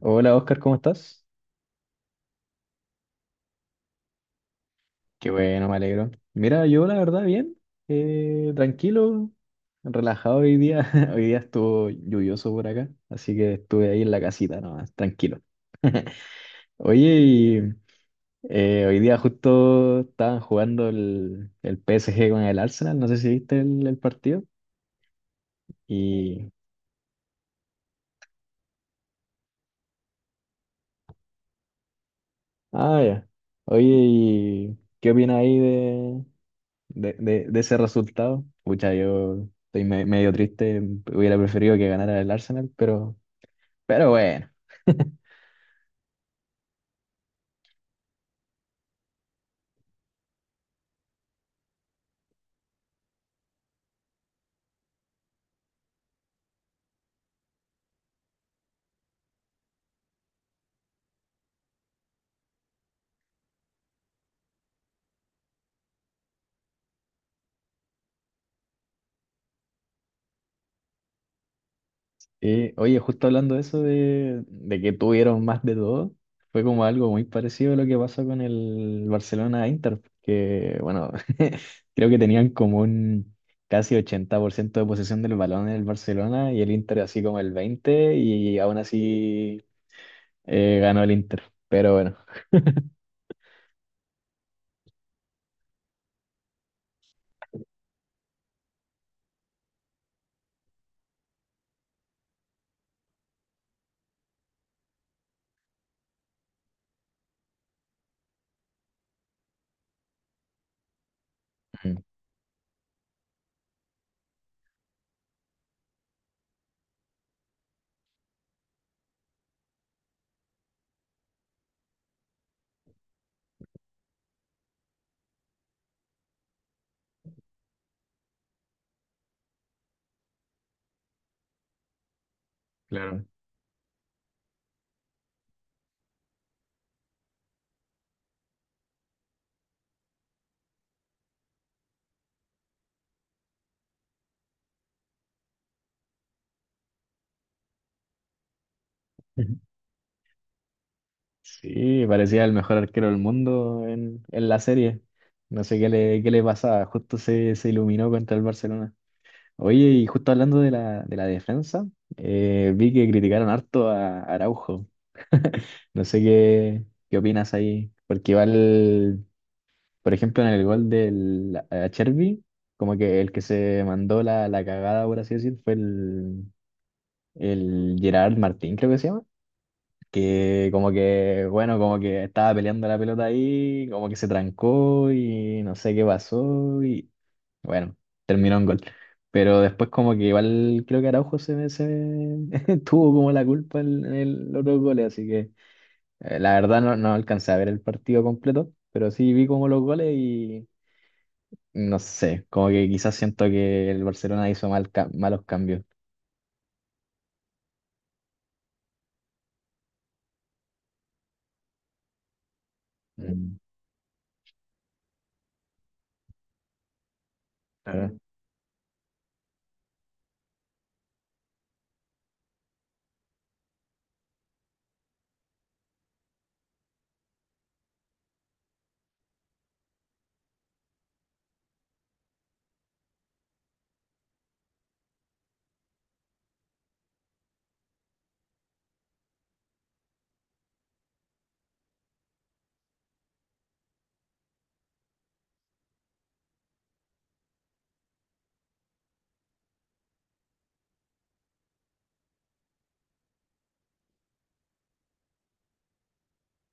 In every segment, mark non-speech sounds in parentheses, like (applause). Hola Oscar, ¿cómo estás? Qué bueno, me alegro. Mira, yo la verdad bien, tranquilo, relajado hoy día. (laughs) Hoy día estuvo lluvioso por acá, así que estuve ahí en la casita nomás, tranquilo. (laughs) Oye, y, hoy día justo estaban jugando el PSG con el Arsenal, no sé si viste el partido. Y, ah, ya. Oye, ¿y qué opinas ahí de ese resultado? Pucha, yo estoy medio triste, hubiera preferido que ganara el Arsenal, pero bueno. Y, oye, justo hablando de eso, de que tuvieron más de dos, fue como algo muy parecido a lo que pasó con el Barcelona-Inter, que bueno, (laughs) creo que tenían como un casi 80% de posesión del balón en el Barcelona y el Inter así como el 20% y aún así ganó el Inter, pero bueno. Mm. Claro. (laughs) Sí, parecía el mejor arquero del mundo en, la serie. No sé qué le pasaba, justo se, iluminó contra el Barcelona. Oye, y justo hablando de la defensa, vi que criticaron harto a Araujo. (laughs) No sé qué opinas ahí, porque igual, por ejemplo, en el gol del a Chervi, como que el que se mandó la, cagada, por así decir, fue el Gerard Martín, creo que se llama, que como que, bueno, como que estaba peleando la pelota ahí, como que se trancó y no sé qué pasó y bueno, terminó en gol. Pero después como que igual creo que Araujo se, (laughs) tuvo como la culpa en los dos goles, así que la verdad no alcancé a ver el partido completo, pero sí vi como los goles y no sé, como que quizás siento que el Barcelona hizo mal, malos cambios. Mm.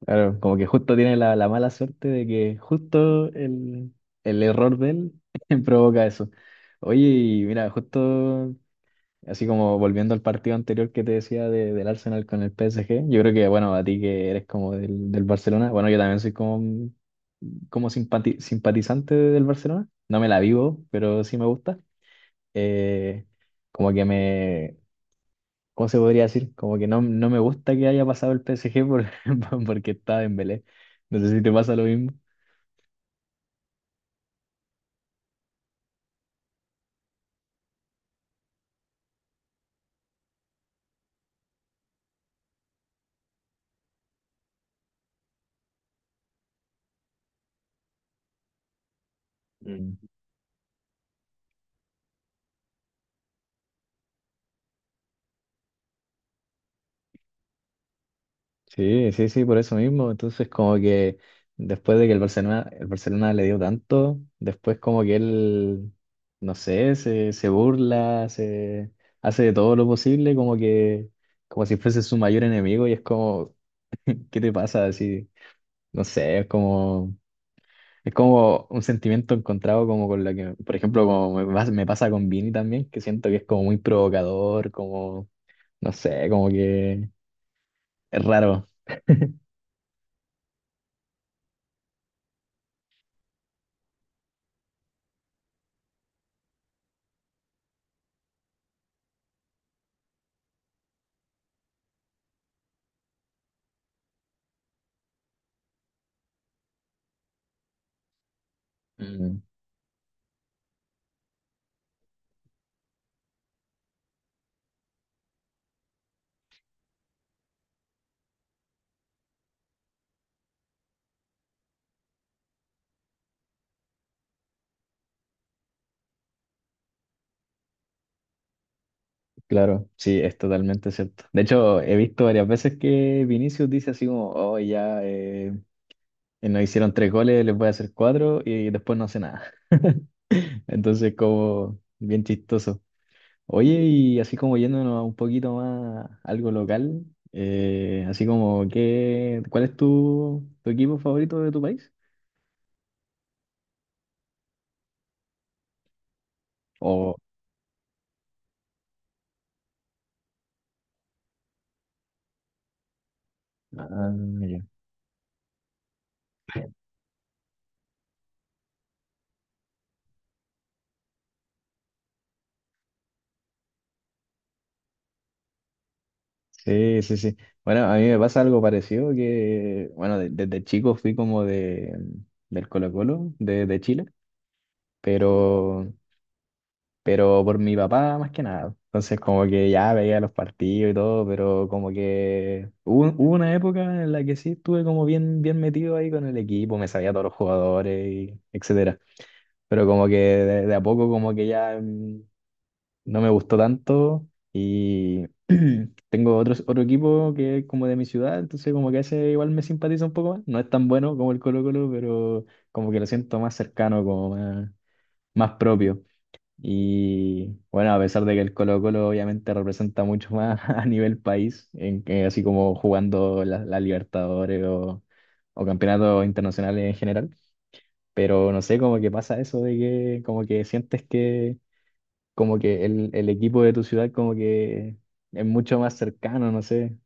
Claro, como que justo tiene la, mala suerte de que justo el error de él (laughs) provoca eso. Oye, y mira, justo así como volviendo al partido anterior que te decía del Arsenal con el PSG, yo creo que, bueno, a ti que eres como del, Barcelona, bueno, yo también soy como, como simpatizante del Barcelona, no me la vivo, pero sí me gusta. Eh, como que me, ¿cómo se podría decir? Como que no me gusta que haya pasado el PSG por, (laughs) porque estaba en Belé. No sé si te pasa lo mismo. Mm. Sí, sí, sí, por eso mismo. Entonces, como que después de que el Barcelona le dio tanto, después como que él, no sé, se burla, se hace de todo lo posible, como que, como si fuese su mayor enemigo, y es como, ¿qué te pasa? Así, no sé, es como. Es como un sentimiento encontrado como con la que, por ejemplo, como me pasa con Vini también, que siento que es como muy provocador, como, no sé, como que es raro. Mm, claro, sí, es totalmente cierto. De hecho, he visto varias veces que Vinicius dice así como, oh, ya nos hicieron tres goles, les voy a hacer cuatro y después no hace nada. (laughs) Entonces, como bien chistoso. Oye, y así como yéndonos a un poquito más a algo local, así como que, ¿cuál es tu, equipo favorito de tu país? O, ah, ya. Sí, sí, sí. Bueno, a mí me pasa algo parecido que, bueno, desde chico fui como del Colo-Colo, de Chile, pero pero por mi papá más que nada. Entonces como que ya veía los partidos y todo, pero como que hubo una época en la que sí estuve como bien, bien metido ahí con el equipo, me sabía todos los jugadores, y etcétera. Pero como que de, a poco como que ya no me gustó tanto y (clears throat) tengo otro equipo que es como de mi ciudad, entonces como que ese igual me simpatiza un poco más. No es tan bueno como el Colo-Colo, pero como que lo siento más cercano, como más, más propio. Y bueno, a pesar de que el Colo-Colo obviamente representa mucho más (laughs) a nivel país, en así como jugando la, Libertadores o campeonatos internacionales en general, pero no sé, como que pasa eso de que como que sientes que como que el, equipo de tu ciudad como que es mucho más cercano, no sé.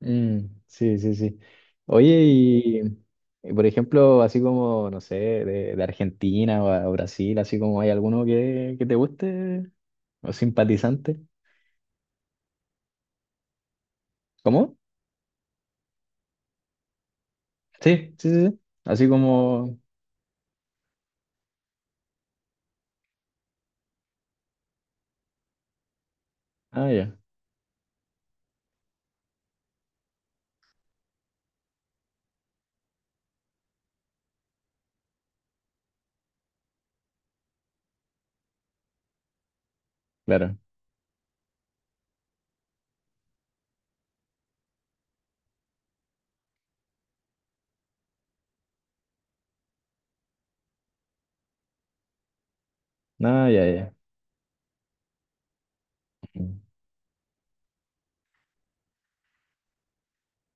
Mm, sí, sí, sí. Oye, y, por ejemplo, así como, no sé, de Argentina o, o Brasil, así como hay alguno que te guste o simpatizante. ¿Cómo? Sí, sí, sí, sí. Así como... Ah, ya, claro. Ah, ya, ya. Mm.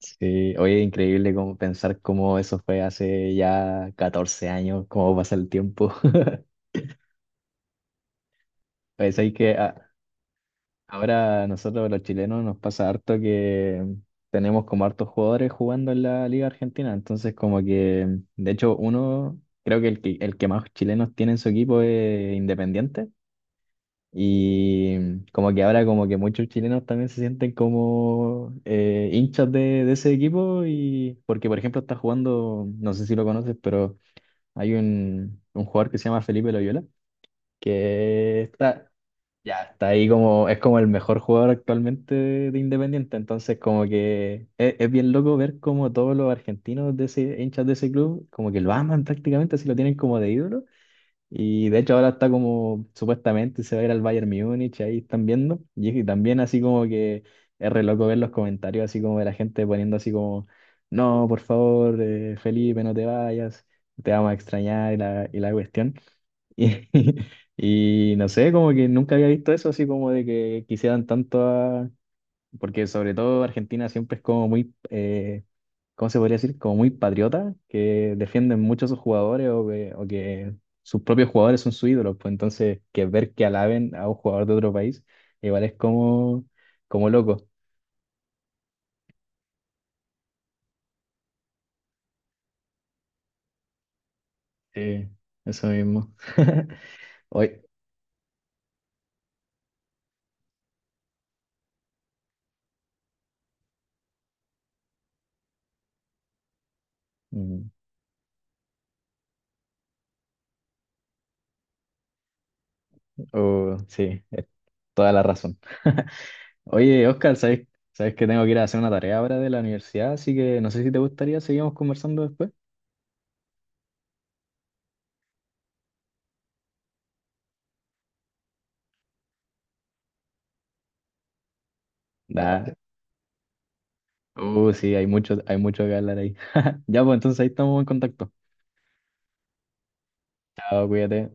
Sí, oye, increíble como pensar cómo eso fue hace ya 14 años, cómo pasa el tiempo. (laughs) Pues hay que ahora a nosotros los chilenos nos pasa harto que tenemos como hartos jugadores jugando en la Liga Argentina, entonces como que, de hecho, uno, creo que el que, más chilenos tiene en su equipo es Independiente, y como que ahora como que muchos chilenos también se sienten como hinchas de, ese equipo, y porque por ejemplo está jugando, no sé si lo conoces, pero hay un jugador que se llama Felipe Loyola, que está, ya, está ahí como, es como el mejor jugador actualmente de Independiente, entonces como que es bien loco ver como todos los argentinos de ese, hinchas de ese club, como que lo aman prácticamente, así lo tienen como de ídolo, y de hecho ahora está como, supuestamente se va a ir al Bayern Múnich, ahí están viendo, y, también así como que es re loco ver los comentarios, así como de la gente poniendo así como, no, por favor, Felipe, no te vayas, te vamos a extrañar y la cuestión. Y, (laughs) y no sé, como que nunca había visto eso, así como de que quisieran tanto a... Porque sobre todo Argentina siempre es como muy, ¿cómo se podría decir? Como muy patriota, que defienden mucho a sus jugadores o que sus propios jugadores son sus ídolos. Pues entonces, que ver que alaben a un jugador de otro país, igual es como, como loco. Sí, eso mismo. (laughs) Hoy, mm, oh, sí, es toda la razón. (laughs) Oye, Oscar, ¿sabes que tengo que ir a hacer una tarea ahora de la universidad? Así que no sé si te gustaría, seguimos conversando después. Da. Dale. Sí, hay mucho, que hablar ahí. (laughs) Ya, pues entonces ahí estamos en contacto. Chao, cuídate.